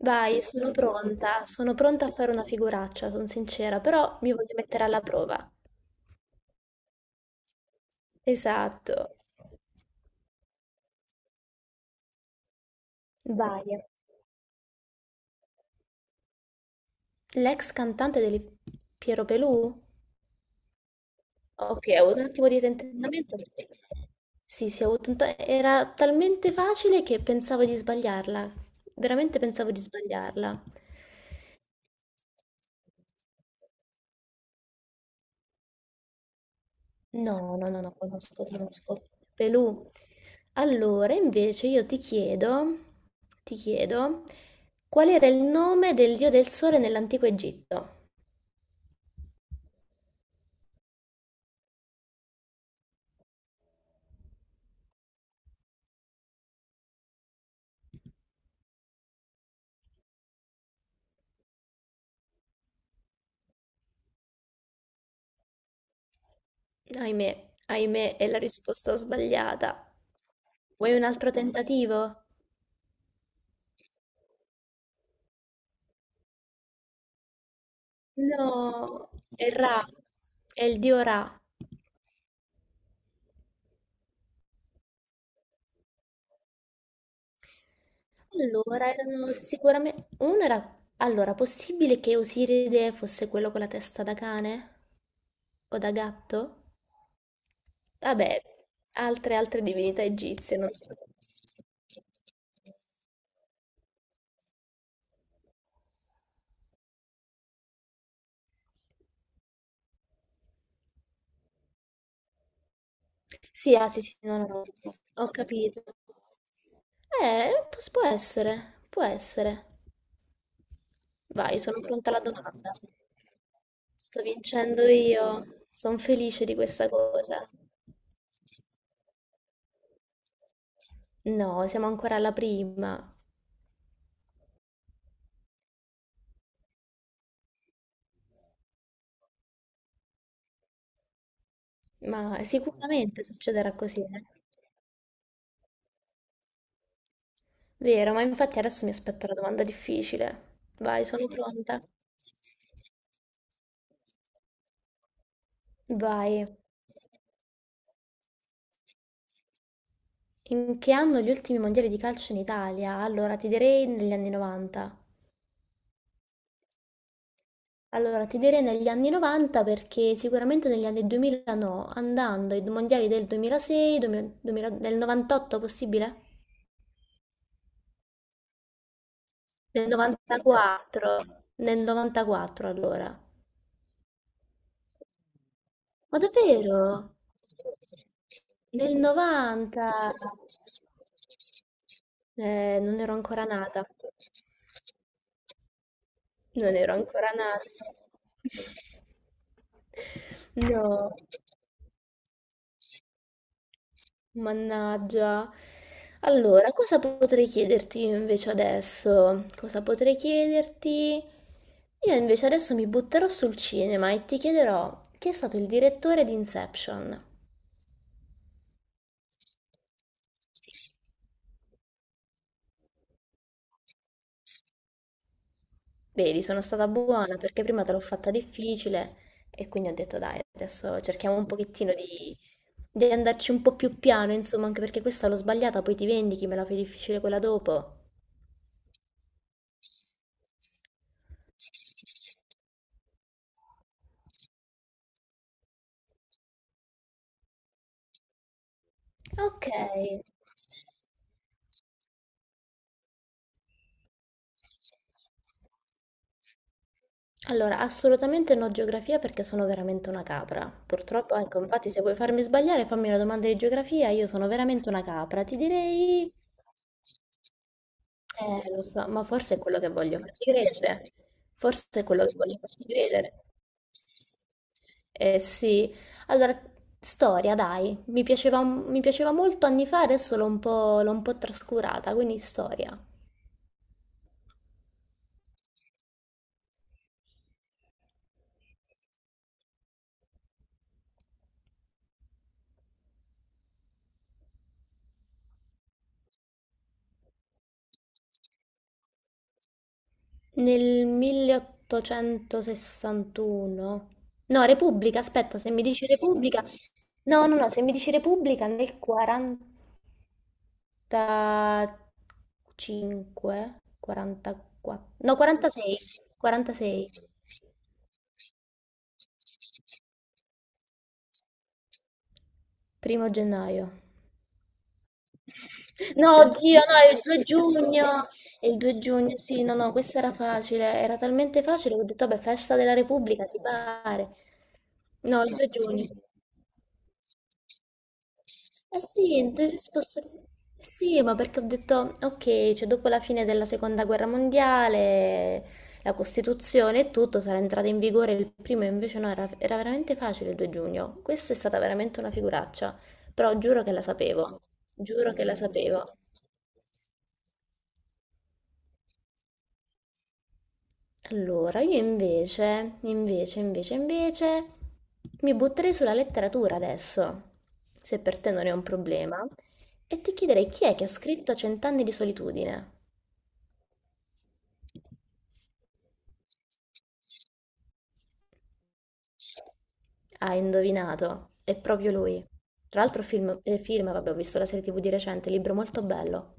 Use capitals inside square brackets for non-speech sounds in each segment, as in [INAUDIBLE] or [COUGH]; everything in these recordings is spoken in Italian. Vai, sono pronta a fare una figuraccia, sono sincera, però mi voglio mettere alla prova. Esatto. Vai. L'ex cantante del Piero Pelù? Ok, ho avuto un attimo di tentennamento. Sì, sì, ho avuto un ta- era talmente facile che pensavo di sbagliarla. Veramente pensavo di sbagliarla. No, no, no, no, conosco, conosco. Pelù. Allora, invece io ti chiedo, qual era il nome del dio del sole nell'antico Egitto? Ahimè, ahimè, è la risposta sbagliata. Vuoi un altro tentativo? No, è Ra, è il dio Ra. Allora, erano sicuramente. Uno era. Allora, possibile che Osiride fosse quello con la testa da cane? O da gatto? Vabbè, altre divinità egizie, non so. Sì, ah, sì, sì, no, no, no, ho capito. Può essere, può essere. Vai, sono pronta alla domanda. Sto vincendo io, sono felice di questa cosa. No, siamo ancora alla prima, ma sicuramente succederà così, eh. Vero, ma infatti adesso mi aspetto la domanda difficile. Vai, sono pronta. Vai. In che anno gli ultimi mondiali di calcio in Italia? Allora, ti direi negli anni 90. Allora, ti direi negli anni 90 perché sicuramente negli anni 2000 no, andando ai mondiali del 2006, 2000 del 98 possibile? Del 94, nel 94 allora. Ma davvero? Nel 90? Non ero ancora nata. Non ero ancora nata. No, mannaggia. Allora, cosa potrei chiederti io invece adesso? Cosa potrei chiederti? Io invece adesso mi butterò sul cinema e ti chiederò chi è stato il direttore di Inception. Sì. Vedi, sono stata buona perché prima te l'ho fatta difficile e quindi ho detto dai, adesso cerchiamo un pochettino di andarci un po' più piano, insomma, anche perché questa l'ho sbagliata, poi ti vendichi, me la fai difficile quella dopo. Ok, allora assolutamente no geografia perché sono veramente una capra. Purtroppo, ecco, infatti se vuoi farmi sbagliare, fammi una domanda di geografia, io sono veramente una capra. Ti direi. Lo so, ma forse è quello che voglio farti credere. Forse è quello che voglio farti credere. Eh sì, allora, storia, dai, mi piaceva molto anni fa, adesso l'ho un po' trascurata, quindi storia. Nel 1861, no, Repubblica, aspetta, se mi dici Repubblica, no, no, no, se mi dici Repubblica nel 40, 45, 44, no, 46, 46, 1º gennaio. No, oddio, no, è il 2 giugno, è il 2 giugno, sì, no, no, questa era facile, era talmente facile che ho detto, vabbè, festa della Repubblica, ti pare. No, il 2 giugno. Eh sì, sì, ma perché ho detto, ok, cioè dopo la fine della seconda guerra mondiale, la Costituzione e tutto sarà entrata in vigore il primo, invece no, era veramente facile il 2 giugno. Questa è stata veramente una figuraccia, però giuro che la sapevo, giuro che la sapevo. Allora, io invece, mi butterei sulla letteratura adesso, se per te non è un problema, e ti chiederei chi è che ha scritto Cent'anni di solitudine? Hai indovinato, è proprio lui. Tra l'altro film, vabbè, ho visto la serie TV di recente, libro molto bello.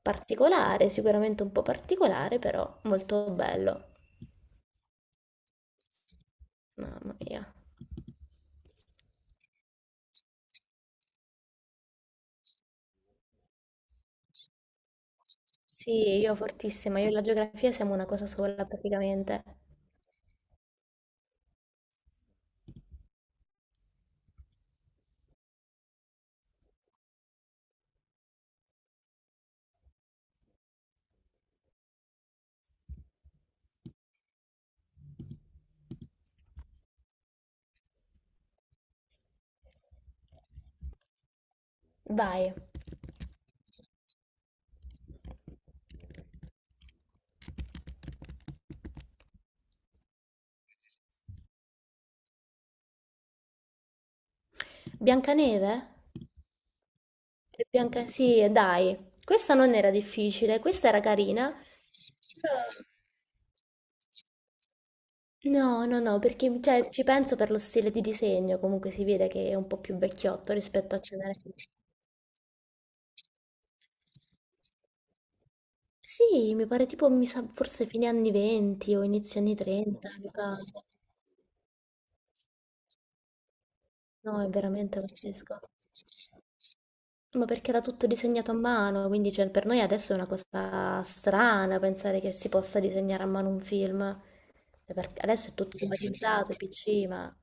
Particolare, sicuramente un po' particolare, però molto bello. Mamma mia. Sì, io fortissima, io e la geografia siamo una cosa sola praticamente. Vai. Biancaneve? Sì, dai. Questa non era difficile, questa era carina. Però No, no, no, perché cioè, ci penso per lo stile di disegno, comunque si vede che è un po' più vecchiotto rispetto a Cenere. Sì, mi pare tipo, mi sa, forse fine anni 20 o inizio anni 30, mi pare. No, è veramente pazzesco. Ma perché era tutto disegnato a mano, quindi cioè, per noi adesso è una cosa strana pensare che si possa disegnare a mano un film. Cioè, perché adesso è tutto automatizzato, PC, ma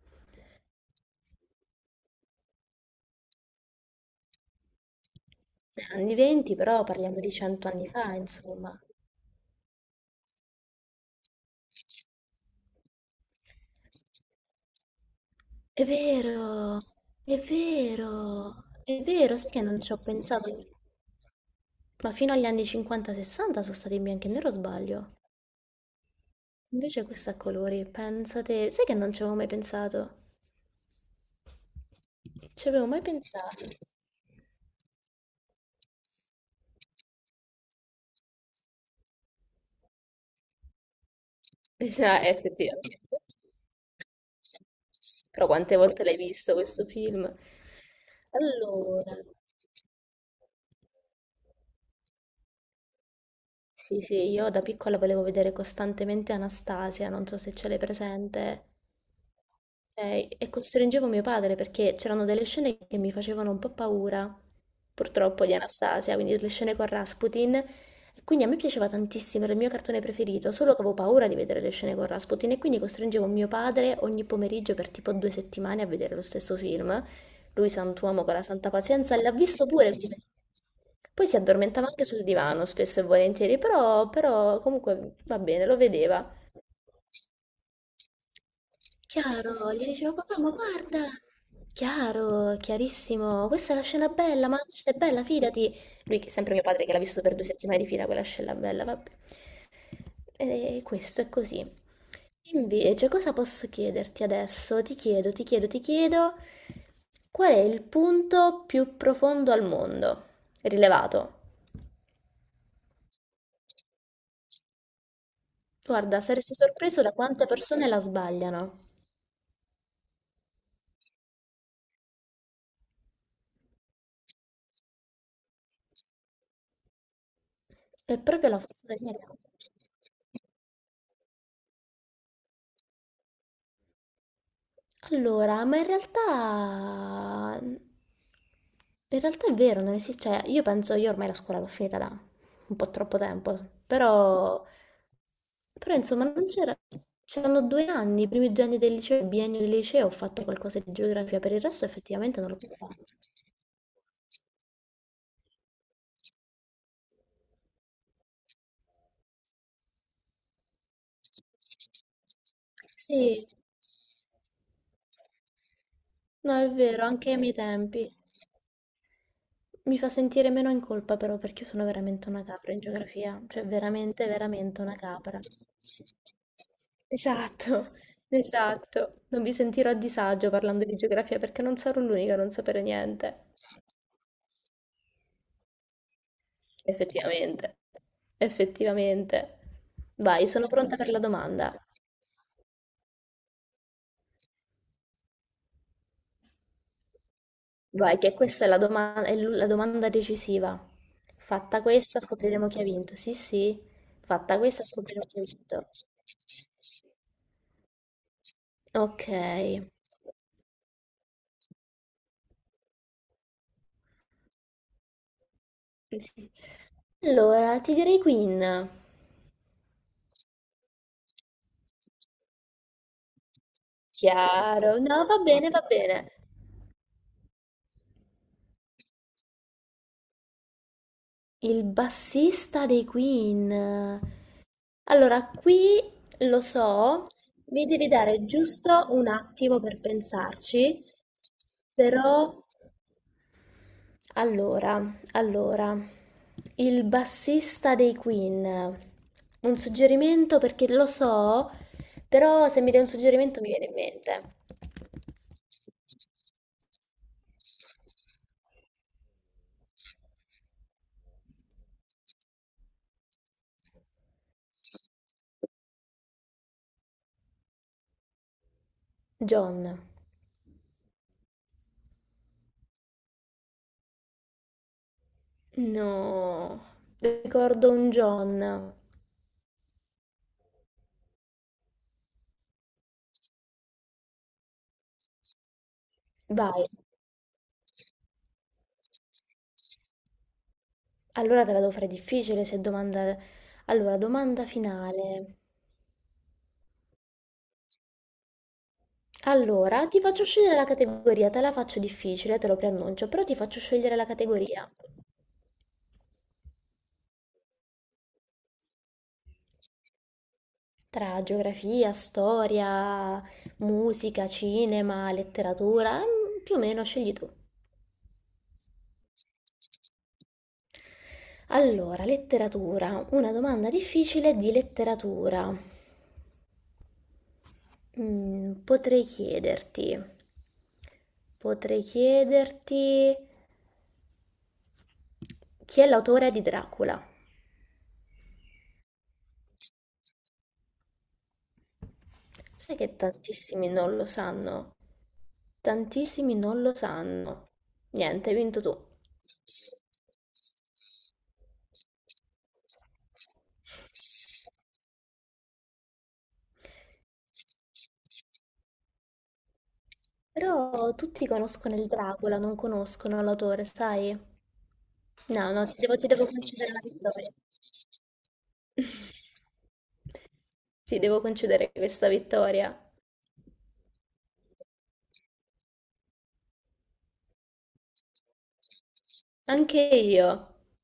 anni 20 però parliamo di 100 anni fa, insomma. È vero, è vero, è vero, sai che non ci ho pensato, ma fino agli anni 50-60 sono stati in bianco e nero, o sbaglio. Invece questo è a colori, pensate, sai che non ci avevo mai pensato? Ci avevo mai pensato? [LAUGHS] Sì, effettivamente. Però quante volte l'hai visto questo film? Allora, sì, sì, io da piccola volevo vedere costantemente Anastasia, non so se ce l'hai presente. E costringevo mio padre perché c'erano delle scene che mi facevano un po' paura, purtroppo, di Anastasia, quindi le scene con Rasputin. E quindi a me piaceva tantissimo, era il mio cartone preferito, solo che avevo paura di vedere le scene con Rasputin e quindi costringevo mio padre ogni pomeriggio per tipo 2 settimane a vedere lo stesso film. Lui, sant'uomo con la santa pazienza, l'ha visto pure come. Poi si addormentava anche sul divano, spesso e volentieri, però comunque va bene, lo vedeva. Chiaro, gli dicevo papà, ma guarda, chiaro, chiarissimo, questa è una scena bella, ma questa è bella, fidati. Lui, che è sempre mio padre, che l'ha visto per 2 settimane di fila quella scena bella, vabbè. E questo è così. Invece, cosa posso chiederti adesso? Ti chiedo, qual è il punto più profondo al mondo? Rilevato. Guarda, saresti sorpreso da quante persone la sbagliano. È proprio la forza degli amici. Allora, in realtà è vero, non esiste. Cioè, io penso, io ormai la scuola l'ho finita da un po' troppo tempo, però. Però insomma non c'era. C'erano 2 anni, i primi 2 anni del liceo, il biennio del liceo, ho fatto qualcosa di geografia, per il resto effettivamente non l'ho più fatto. Sì, no, è vero, anche ai miei tempi. Mi fa sentire meno in colpa però perché io sono veramente una capra in geografia, cioè veramente, veramente una capra. Esatto, esatto. Non mi sentirò a disagio parlando di geografia perché non sarò l'unica a non sapere niente. Effettivamente, effettivamente. Vai, sono pronta per la domanda. Vai, che questa è la domanda decisiva. Fatta questa, scopriremo chi ha vinto. Sì, sì, fatta questa, scopriremo chi ha vinto. Ok. Sì. Allora, Tigray Queen. Chiaro. No, va bene, va bene. Il bassista dei Queen. Allora, qui lo so, mi devi dare giusto un attimo per pensarci, però allora, allora, il bassista dei Queen. Un suggerimento perché lo so, però se mi dai un suggerimento mi viene in mente. John. No, ricordo un John. Vai, allora te la devo fare difficile se domanda. Allora, domanda finale. Allora, ti faccio scegliere la categoria, te la faccio difficile, te lo preannuncio, però ti faccio scegliere la categoria tra geografia, storia, musica, cinema, letteratura, più o meno scegli tu. Allora, letteratura, una domanda difficile di letteratura. Mm, potrei chiederti, potrei chiederti chi è l'autore di Dracula. Sai che tantissimi non lo sanno. Tantissimi non lo sanno. Niente, hai vinto tu. Però tutti conoscono il Dracula, non conoscono l'autore, sai? No, no, ti devo concedere la vittoria. [LAUGHS] Ti devo concedere questa vittoria. Anche io.